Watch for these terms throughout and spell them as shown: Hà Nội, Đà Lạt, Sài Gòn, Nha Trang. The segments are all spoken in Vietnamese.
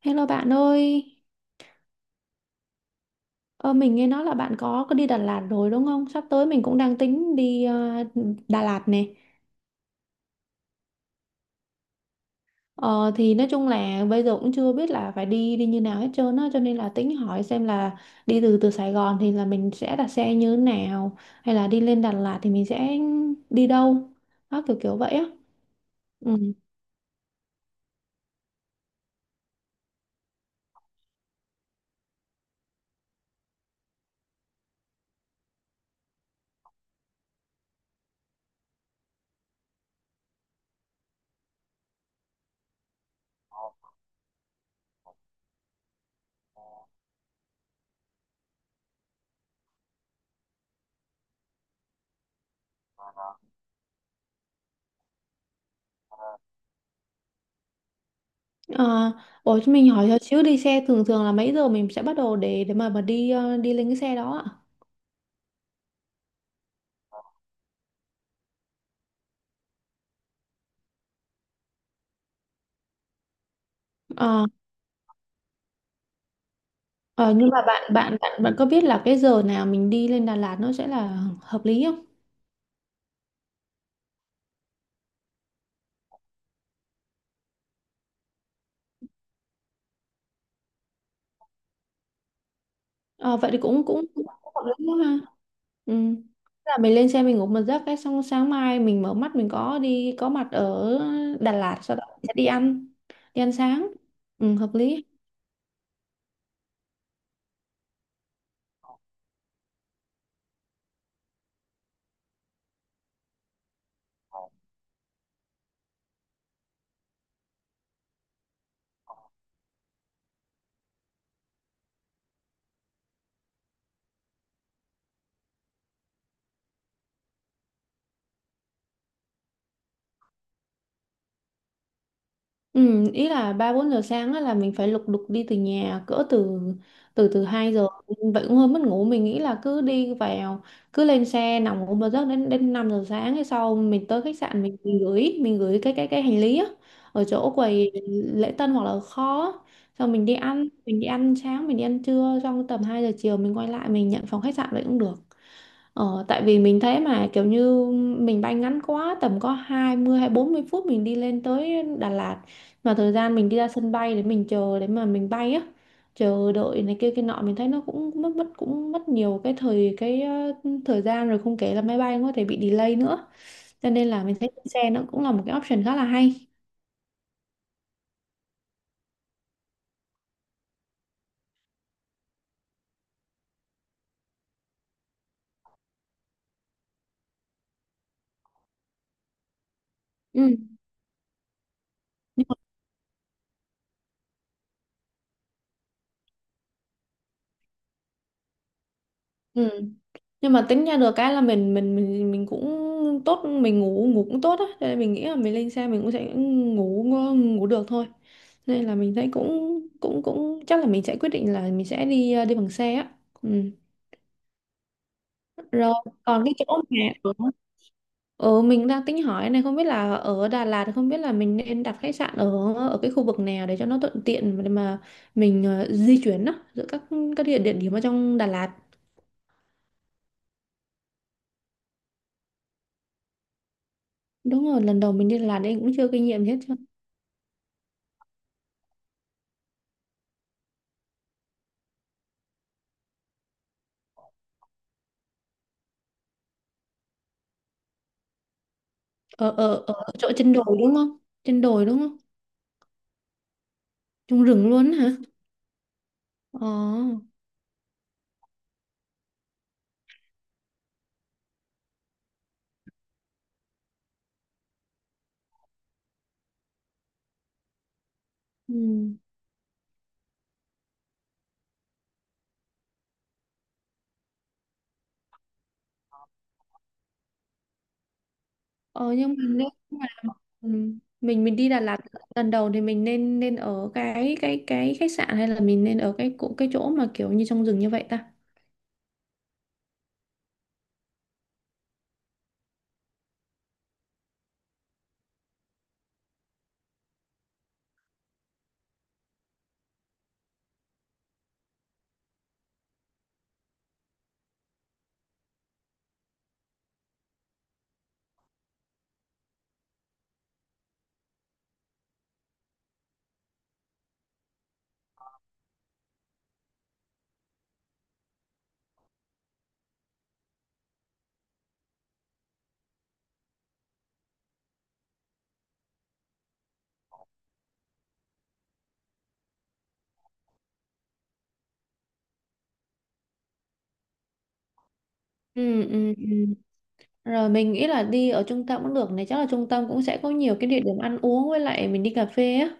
Hello bạn ơi, ờ, mình nghe nói là bạn có đi Đà Lạt rồi đúng không? Sắp tới mình cũng đang tính đi Đà Lạt nè. Ờ, thì nói chung là bây giờ cũng chưa biết là phải đi đi như nào hết trơn á, cho nên là tính hỏi xem là đi từ từ Sài Gòn thì là mình sẽ đặt xe như thế nào, hay là đi lên Đà Lạt thì mình sẽ đi đâu, đó kiểu kiểu vậy á. Ừ. Ờ, ủa cho mình hỏi cho xíu đi xe thường thường là mấy giờ mình sẽ bắt đầu để mà đi đi lên cái xe đó ạ? Ờ. Ờ, nhưng mà bạn bạn bạn bạn có biết là cái giờ nào mình đi lên Đà Lạt nó sẽ là hợp lý không? Ờ, vậy thì cũng cũng cũng hợp lý quá ha. Ừ. Là mình lên xe mình ngủ một giấc cái xong sáng mai mình mở mắt mình có đi có mặt ở Đà Lạt, sau đó mình sẽ đi ăn sáng. Ừ, hợp lý. Ừ, ý là ba bốn giờ sáng á, là mình phải lục đục đi từ nhà cỡ từ từ từ 2 giờ, vậy cũng hơi mất ngủ. Mình nghĩ là cứ đi vào, cứ lên xe nằm ngủ một giấc đến đến 5 giờ sáng hay sau mình tới khách sạn, mình gửi cái hành lý á, ở chỗ quầy lễ tân hoặc là kho á. Xong mình đi ăn, mình đi ăn sáng, mình đi ăn trưa xong tầm 2 giờ chiều mình quay lại mình nhận phòng khách sạn vậy cũng được. Ờ, tại vì mình thấy mà kiểu như mình bay ngắn quá, tầm có 20 hay 40 phút mình đi lên tới Đà Lạt, mà thời gian mình đi ra sân bay để mình chờ để mà mình bay á, chờ đợi này kia kia nọ mình thấy nó cũng mất mất cũng mất nhiều cái thời gian rồi, không kể là máy bay cũng có thể bị delay nữa, cho nên là mình thấy xe nó cũng là một cái option khá là hay. Ừ. Nhưng mà ừ. Nhưng mà tính ra được cái là mình cũng tốt, mình ngủ ngủ cũng tốt á, cho nên mình nghĩ là mình lên xe mình cũng sẽ ngủ ngủ được thôi, nên là mình thấy cũng cũng cũng chắc là mình sẽ quyết định là mình sẽ đi đi bằng xe á. Ừ. Rồi, còn cái chỗ mà ở ở mình đang tính hỏi này, không biết là ở Đà Lạt không biết là mình nên đặt khách sạn ở ở cái khu vực nào để cho nó thuận tiện để mà mình di chuyển đó giữa các địa địa điểm ở trong Đà Lạt. Đúng rồi, lần đầu mình đi Đà Lạt nên cũng chưa kinh nghiệm hết. Ở ở ở chỗ trên đồi đúng không, trên đồi đúng không? Trong rừng luôn á hả? Ờ. Ừ. Ờ nhưng mà nếu mà ừ, mình đi Đà Lạt lần đầu thì mình nên nên ở cái khách sạn hay là mình nên ở cái chỗ mà kiểu như trong rừng như vậy ta? Ừ, ừ, ừ. Rồi, mình nghĩ là đi ở trung tâm cũng được này, chắc là trung tâm cũng sẽ có nhiều cái địa điểm ăn uống với lại mình đi cà phê á,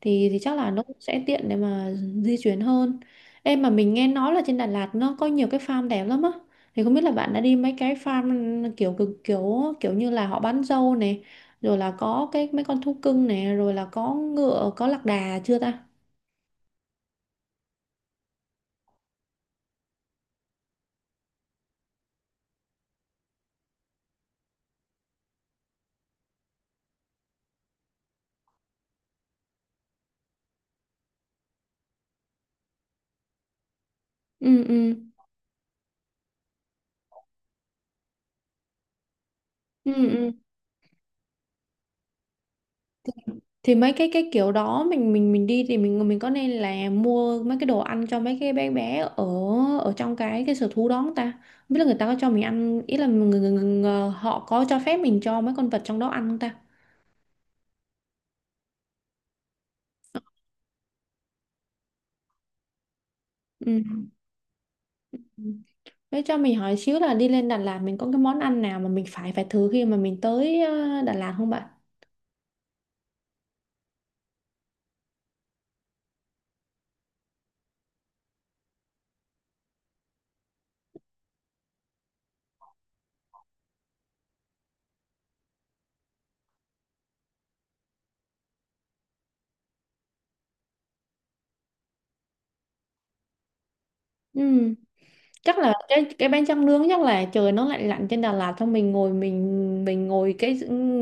thì chắc là nó cũng sẽ tiện để mà di chuyển hơn. Em mà mình nghe nói là trên Đà Lạt nó có nhiều cái farm đẹp lắm á. Thì không biết là bạn đã đi mấy cái farm kiểu cực- kiểu kiểu như là họ bán dâu này, rồi là có cái mấy con thú cưng này, rồi là có ngựa, có lạc đà chưa ta? Ừ, ừ. Ừ, ừ. thì thì mấy cái kiểu đó mình đi thì mình có nên là mua mấy cái đồ ăn cho mấy cái bé bé ở ở trong cái sở thú đó không ta, không biết là người ta có cho mình ăn, ý là người họ có cho phép mình cho mấy con vật trong đó ăn không ta? Ừ. Ừ. Thế cho mình hỏi xíu là đi lên Đà Lạt mình có cái món ăn nào mà mình phải phải thử khi mà mình tới Đà Lạt không bạn? Ừ, chắc là cái bánh tráng nướng, chắc là trời nó lạnh lạnh trên Đà Lạt xong mình ngồi mình mình ngồi cái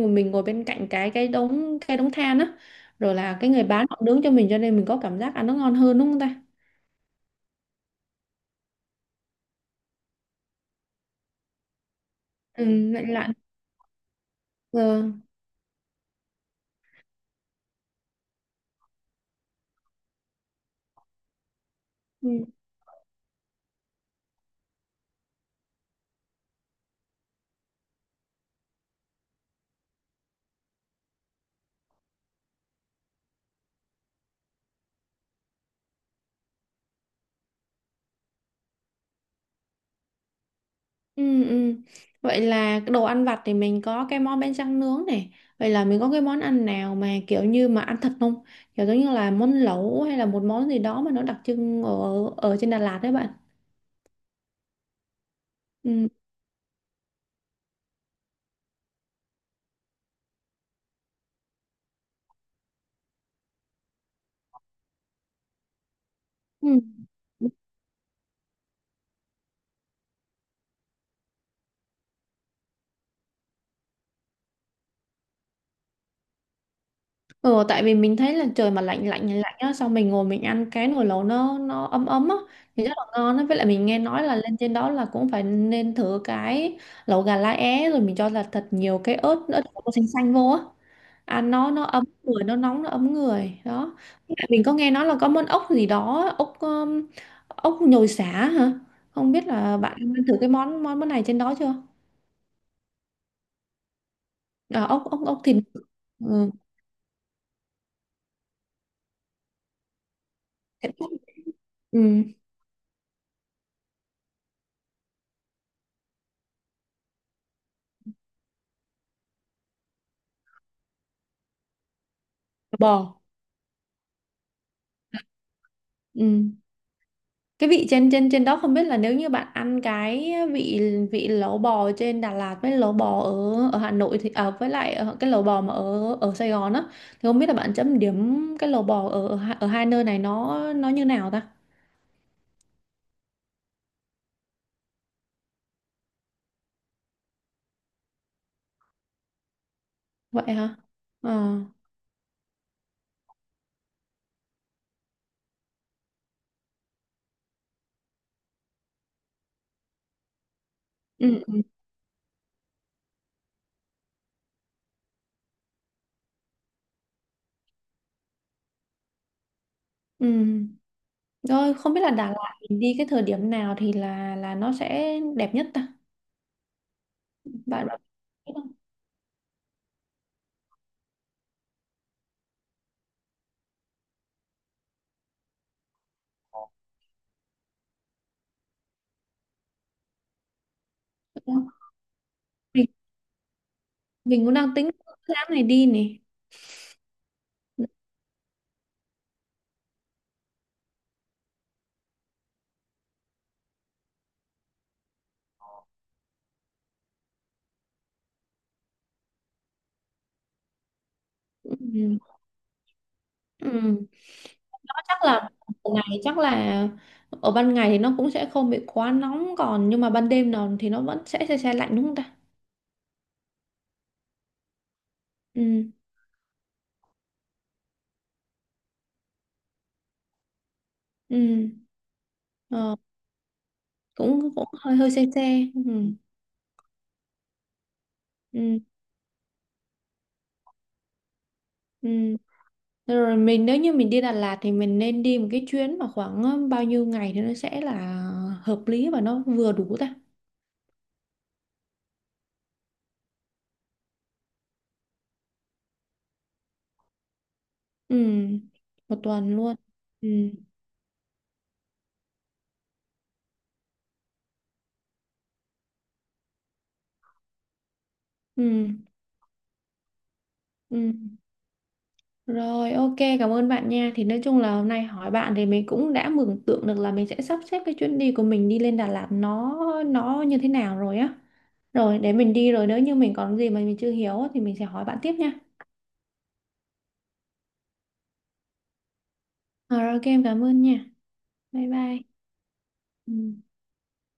mình ngồi bên cạnh cái đống than á, rồi là cái người bán họ nướng cho mình cho nên mình có cảm giác ăn nó ngon hơn đúng không ta? Ừ, lạnh lạnh. Ờ, ừ, ừ, ừ. Vậy là cái đồ ăn vặt thì mình có cái món bánh tráng nướng này, vậy là mình có cái món ăn nào mà kiểu như mà ăn thật không, kiểu giống như là món lẩu hay là một món gì đó mà nó đặc trưng ở ở trên Đà Lạt đấy bạn? Ừ. Ừ. Ừ, tại vì mình thấy là trời mà lạnh lạnh lạnh á, xong mình ngồi mình ăn cái nồi lẩu nó ấm ấm á thì rất là ngon á, với lại mình nghe nói là lên trên đó là cũng phải nên thử cái lẩu gà lá é rồi mình cho là thật nhiều cái ớt ớt bột xanh xanh vô á, ăn nó ấm người, nó nóng nó ấm người đó. Với lại mình có nghe nói là có món ốc gì đó, ốc ốc nhồi sả hả, không biết là bạn ăn thử cái món món món này trên đó chưa? À, ốc ốc ốc thịt? Ừ, thịt ốc, ừ, bò. Ừ. Cái vị trên trên trên đó không biết là nếu như bạn ăn cái vị vị lẩu bò trên Đà Lạt với lẩu bò ở ở Hà Nội thì, à, với lại ở cái lẩu bò mà ở ở Sài Gòn á thì không biết là bạn chấm điểm cái lẩu bò ở ở hai nơi này nó như nào ta? Vậy hả? Ờ. Ừ ừ ừ. Rồi không biết là Đà Lạt mình đi cái thời điểm nào thì là nó sẽ đẹp nhất ta, bạn bạn biết không? mình mình cũng đang tính tháng này đi nè. Ừ. Ừ. Chắc là ban ngày, chắc là ở ban ngày thì nó cũng sẽ không bị quá nóng, còn nhưng mà ban đêm nào thì nó vẫn sẽ se se lạnh đúng không ta? Ừ. Ừ. Ờ, cũng cũng hơi hơi se se. Ừ. Ừ. Ừ. Rồi mình nếu như mình đi Đà Lạt thì mình nên đi một cái chuyến mà khoảng bao nhiêu ngày thì nó sẽ là hợp lý và nó vừa đủ ta? Ừ. Một tuần luôn? Ừ. Ừ. Ừ. Rồi, ok, cảm ơn bạn nha. Thì nói chung là hôm nay hỏi bạn thì mình cũng đã mường tượng được là mình sẽ sắp xếp cái chuyến đi của mình đi lên Đà Lạt nó như thế nào rồi á. Rồi, để mình đi rồi nếu như mình còn gì mà mình chưa hiểu á thì mình sẽ hỏi bạn tiếp nha. Rồi, ok, em cảm ơn nha. Bye bye. Ừ.